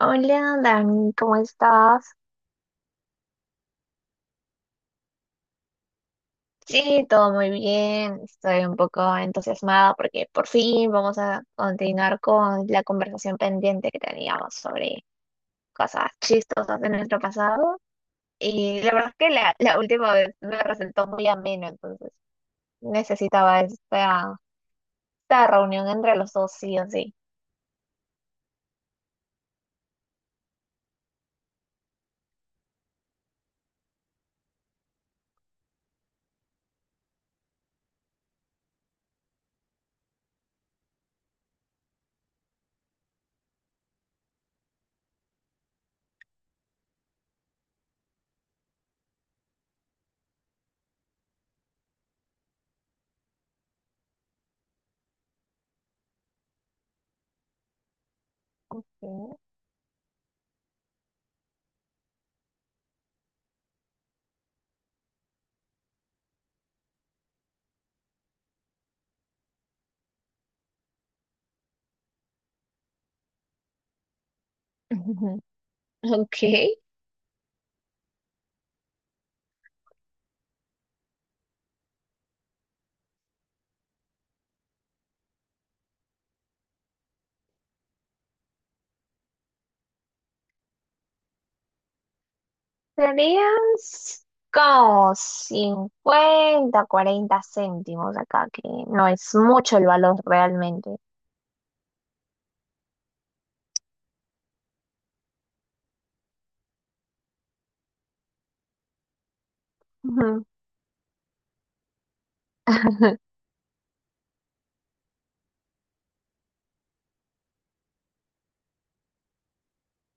Hola, Dani, ¿cómo estás? Sí, todo muy bien. Estoy un poco entusiasmada porque por fin vamos a continuar con la conversación pendiente que teníamos sobre cosas chistosas de nuestro pasado. Y la verdad es que la última vez me resultó muy ameno, entonces necesitaba esta reunión entre los dos, sí o sí. Ok. Serían como 50 40 céntimos acá, que no es mucho el valor realmente. Ujú.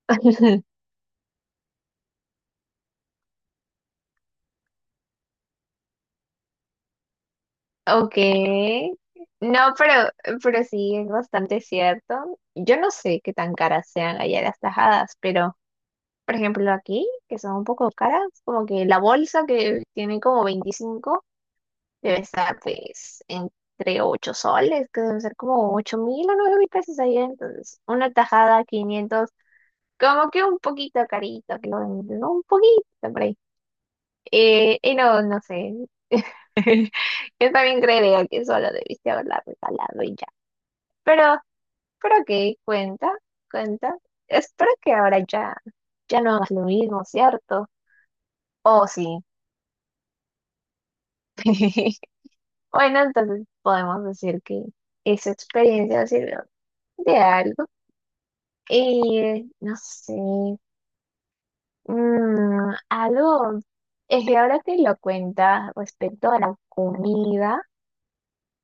Ok. No, pero sí, es bastante cierto. Yo no sé qué tan caras sean allá las tajadas, pero, por ejemplo, aquí, que son un poco caras, como que la bolsa que tiene como 25. Debe estar pues entre 8 soles, que deben ser como 8.000 o 9.000 pesos allá. Entonces, una tajada 500, como que un poquito carito, que lo venden, ¿no? Un poquito por ahí. Y no, no sé. Yo también creería que solo debiste haberla regalado y ya. Pero, pero ok, cuenta, cuenta. Espero que ahora ya, ya no hagas lo mismo, ¿cierto? Oh, sí. Bueno, entonces podemos decir que esa experiencia sirvió de algo. No sé, algo, es que ahora que lo cuentas respecto a la comida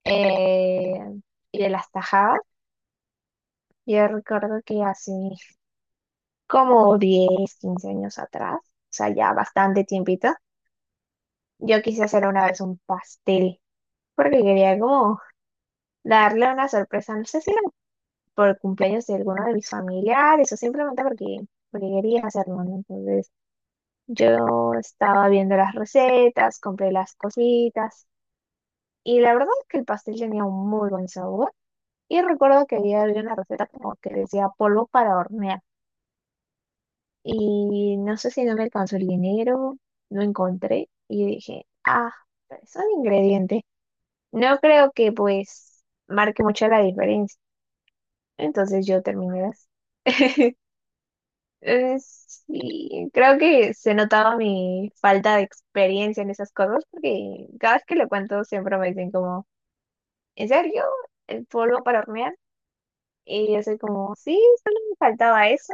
eh, y de las tajadas, yo recuerdo que hace como 10 15 años atrás, o sea, ya bastante tiempito, yo quise hacer una vez un pastel, porque quería como darle una sorpresa, no sé si era por cumpleaños de alguno de mis familiares o simplemente porque quería hacerlo, ¿no? Entonces, yo estaba viendo las recetas, compré las cositas y la verdad es que el pastel tenía un muy buen sabor. Y recuerdo que había una receta como que decía polvo para hornear y no sé si no me alcanzó el dinero, no encontré y dije, ah, es un ingrediente. No creo que pues marque mucho la diferencia. Entonces yo terminé las Sí, creo que se notaba mi falta de experiencia en esas cosas porque cada vez que lo cuento siempre me dicen como, ¿en serio? ¿El polvo para hornear? Y yo soy como, sí, solo me faltaba eso.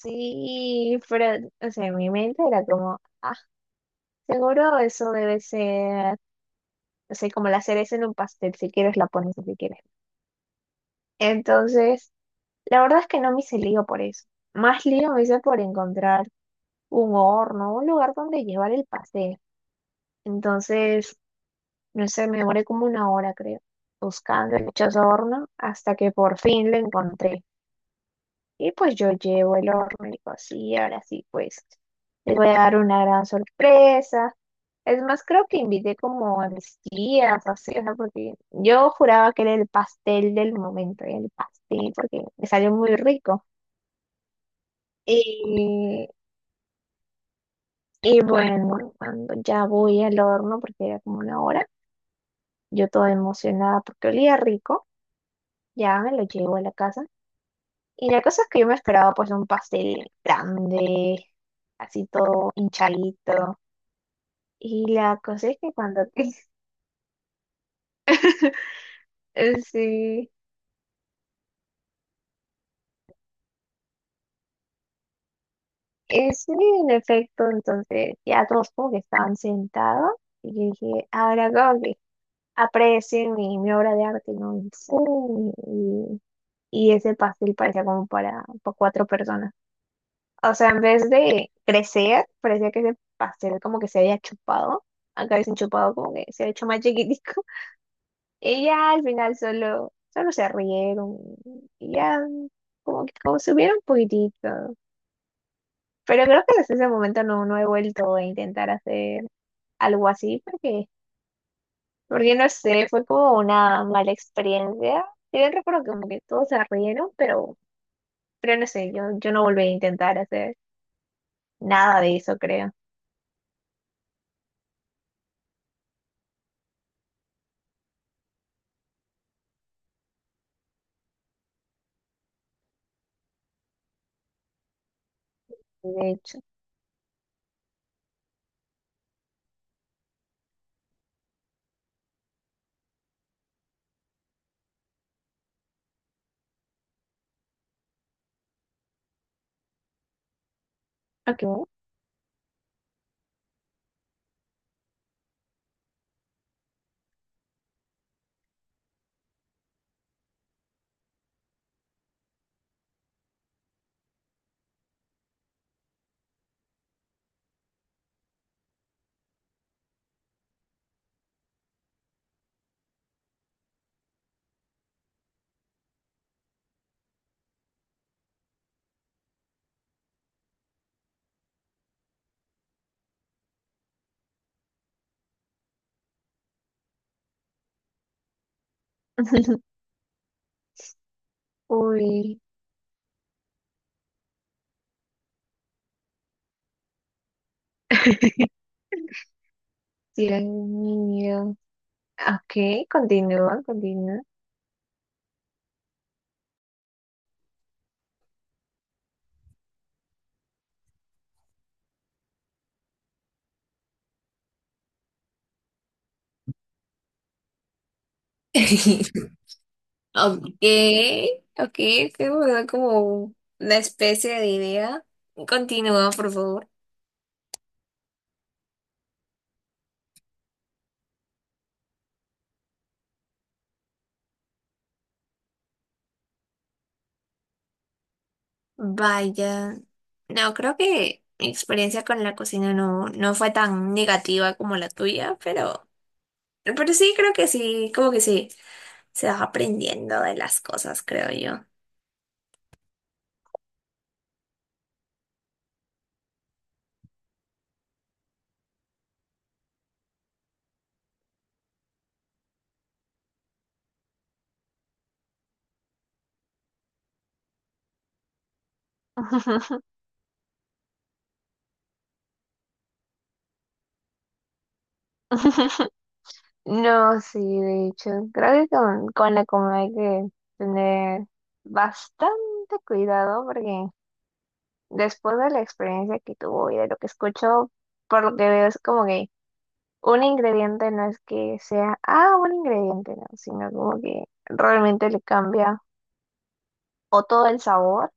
Sí, pero, o sea, en mi mente era como, ah, seguro eso debe ser, o sea como la cereza en un pastel, si quieres la pones, y si quieres. Entonces, la verdad es que no me hice lío por eso. Más lío me hice por encontrar un horno, un lugar donde llevar el pastel. Entonces, no sé, me demoré como una hora, creo, buscando el dichoso horno hasta que por fin lo encontré. Y pues yo llevo el horno y digo, sí, ahora sí, pues les voy a dar una gran sorpresa. Es más, creo que invité como a mis tías, así, o sea, porque yo juraba que era el pastel del momento, el pastel, porque me salió muy rico. Y, y bueno, cuando ya voy al horno, porque era como una hora, yo toda emocionada porque olía rico. Ya me lo llevo a la casa. Y la cosa es que yo me esperaba pues un pastel grande, así todo hinchadito. Y la cosa es que cuando... Sí, sí, en efecto, entonces ya todos como que estaban sentados. Y yo dije, ahora como que aprecien mi obra de arte, ¿no? Y, pum, y ese pastel parecía como para cuatro personas. O sea, en vez de crecer, parecía que ese pastel como que se había chupado. Acá dicen chupado como que se había hecho más chiquitico. Y ya al final solo, solo se rieron. Y ya como que como subieron un poquitito. Pero creo que desde ese momento no, no he vuelto a intentar hacer algo así porque no sé, fue como una mala experiencia. Y yo recuerdo que como que todos se rieron, pero no sé, yo no volví a intentar hacer nada de eso, creo. De hecho. Ok. Uy, tiran miedo. Ok, continúa, continúa. Ok, ok, que me da como una especie de idea. Continúa, por favor. Vaya, no, creo que mi experiencia con la cocina no, no fue tan negativa como la tuya, pero sí, creo que sí, como que sí, se va aprendiendo de las cosas, creo yo. No, sí, de hecho, creo que con la comida hay que tener bastante cuidado porque después de la experiencia que tuvo y de lo que escucho, por lo que veo es como que un ingrediente no es que sea, ah, un ingrediente, no, sino como que realmente le cambia o todo el sabor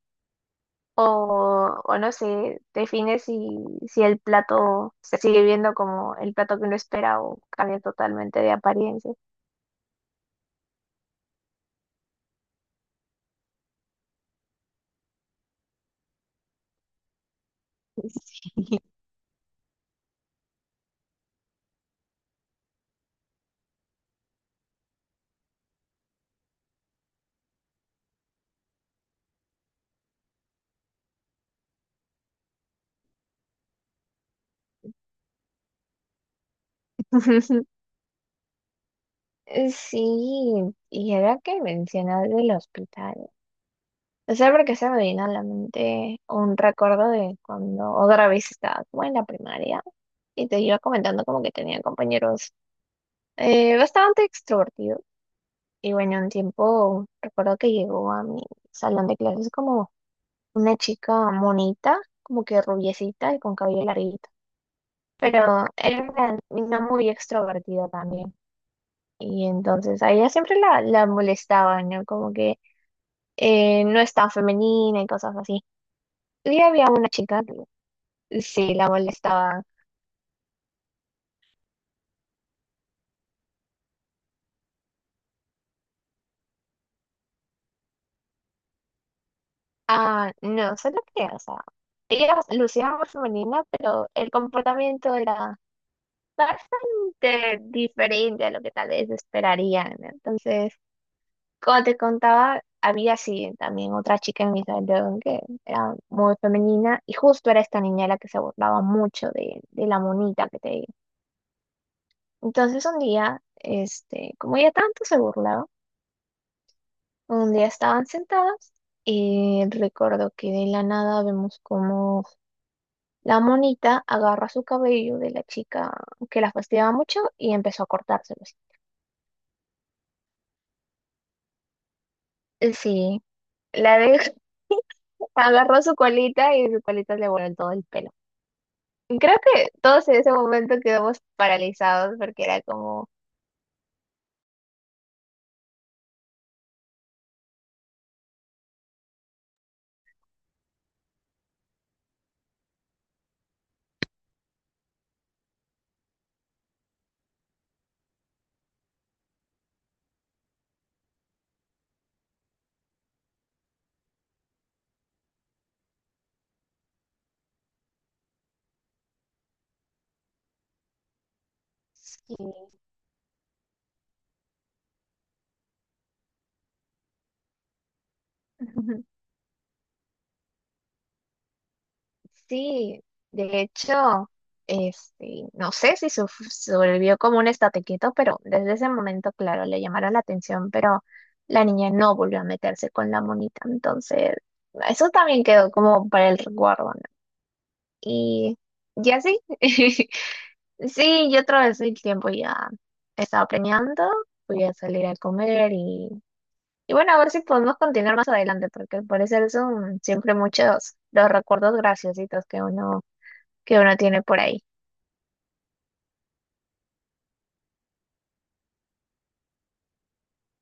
o no sé, define si, el plato se sigue viendo como el plato que uno espera o cambia totalmente de apariencia. Sí, y ahora que mencionas del hospital, o sea, porque se me vino a la mente un recuerdo de cuando otra vez estaba como en la primaria y te iba comentando como que tenía compañeros. Bastante extrovertido. Y bueno, un tiempo recuerdo que llegó a mi salón de clases como una chica monita, como que rubiecita y con cabello larguito. Pero era una niña muy extrovertida también. Y entonces a ella siempre la molestaba, ¿no? Como que no es tan femenina y cosas así. Y había una chica que sí la molestaba. Ah, no, solo que, o sea, ella lucía muy femenina, pero el comportamiento era bastante diferente a lo que tal vez esperarían, ¿no? Entonces, como te contaba, había sí también otra chica en mi salón que era muy femenina y justo era esta niña la que se burlaba mucho de, la monita que te digo. Entonces, un día, este, como ella tanto se burlaba, un día estaban sentadas y recuerdo que de la nada vemos como la monita agarra su cabello de la chica que la fastidiaba mucho y empezó a cortárselo. Así. Sí, la abeja agarró su colita y su colita le voló en todo el pelo. Y creo que todos en ese momento quedamos paralizados porque era como... Sí, sí, de hecho, este, no sé si sobrevivió como un estate quieto, pero desde ese momento, claro, le llamaron la atención, pero la niña no volvió a meterse con la monita, entonces eso también quedó como para el recuerdo, ¿no? Y, y así, sí, yo atravesé el tiempo ya. Estaba planeando, voy a salir a comer y bueno, a ver si podemos continuar más adelante, porque al parecer son siempre muchos los recuerdos graciositos que uno, tiene por ahí.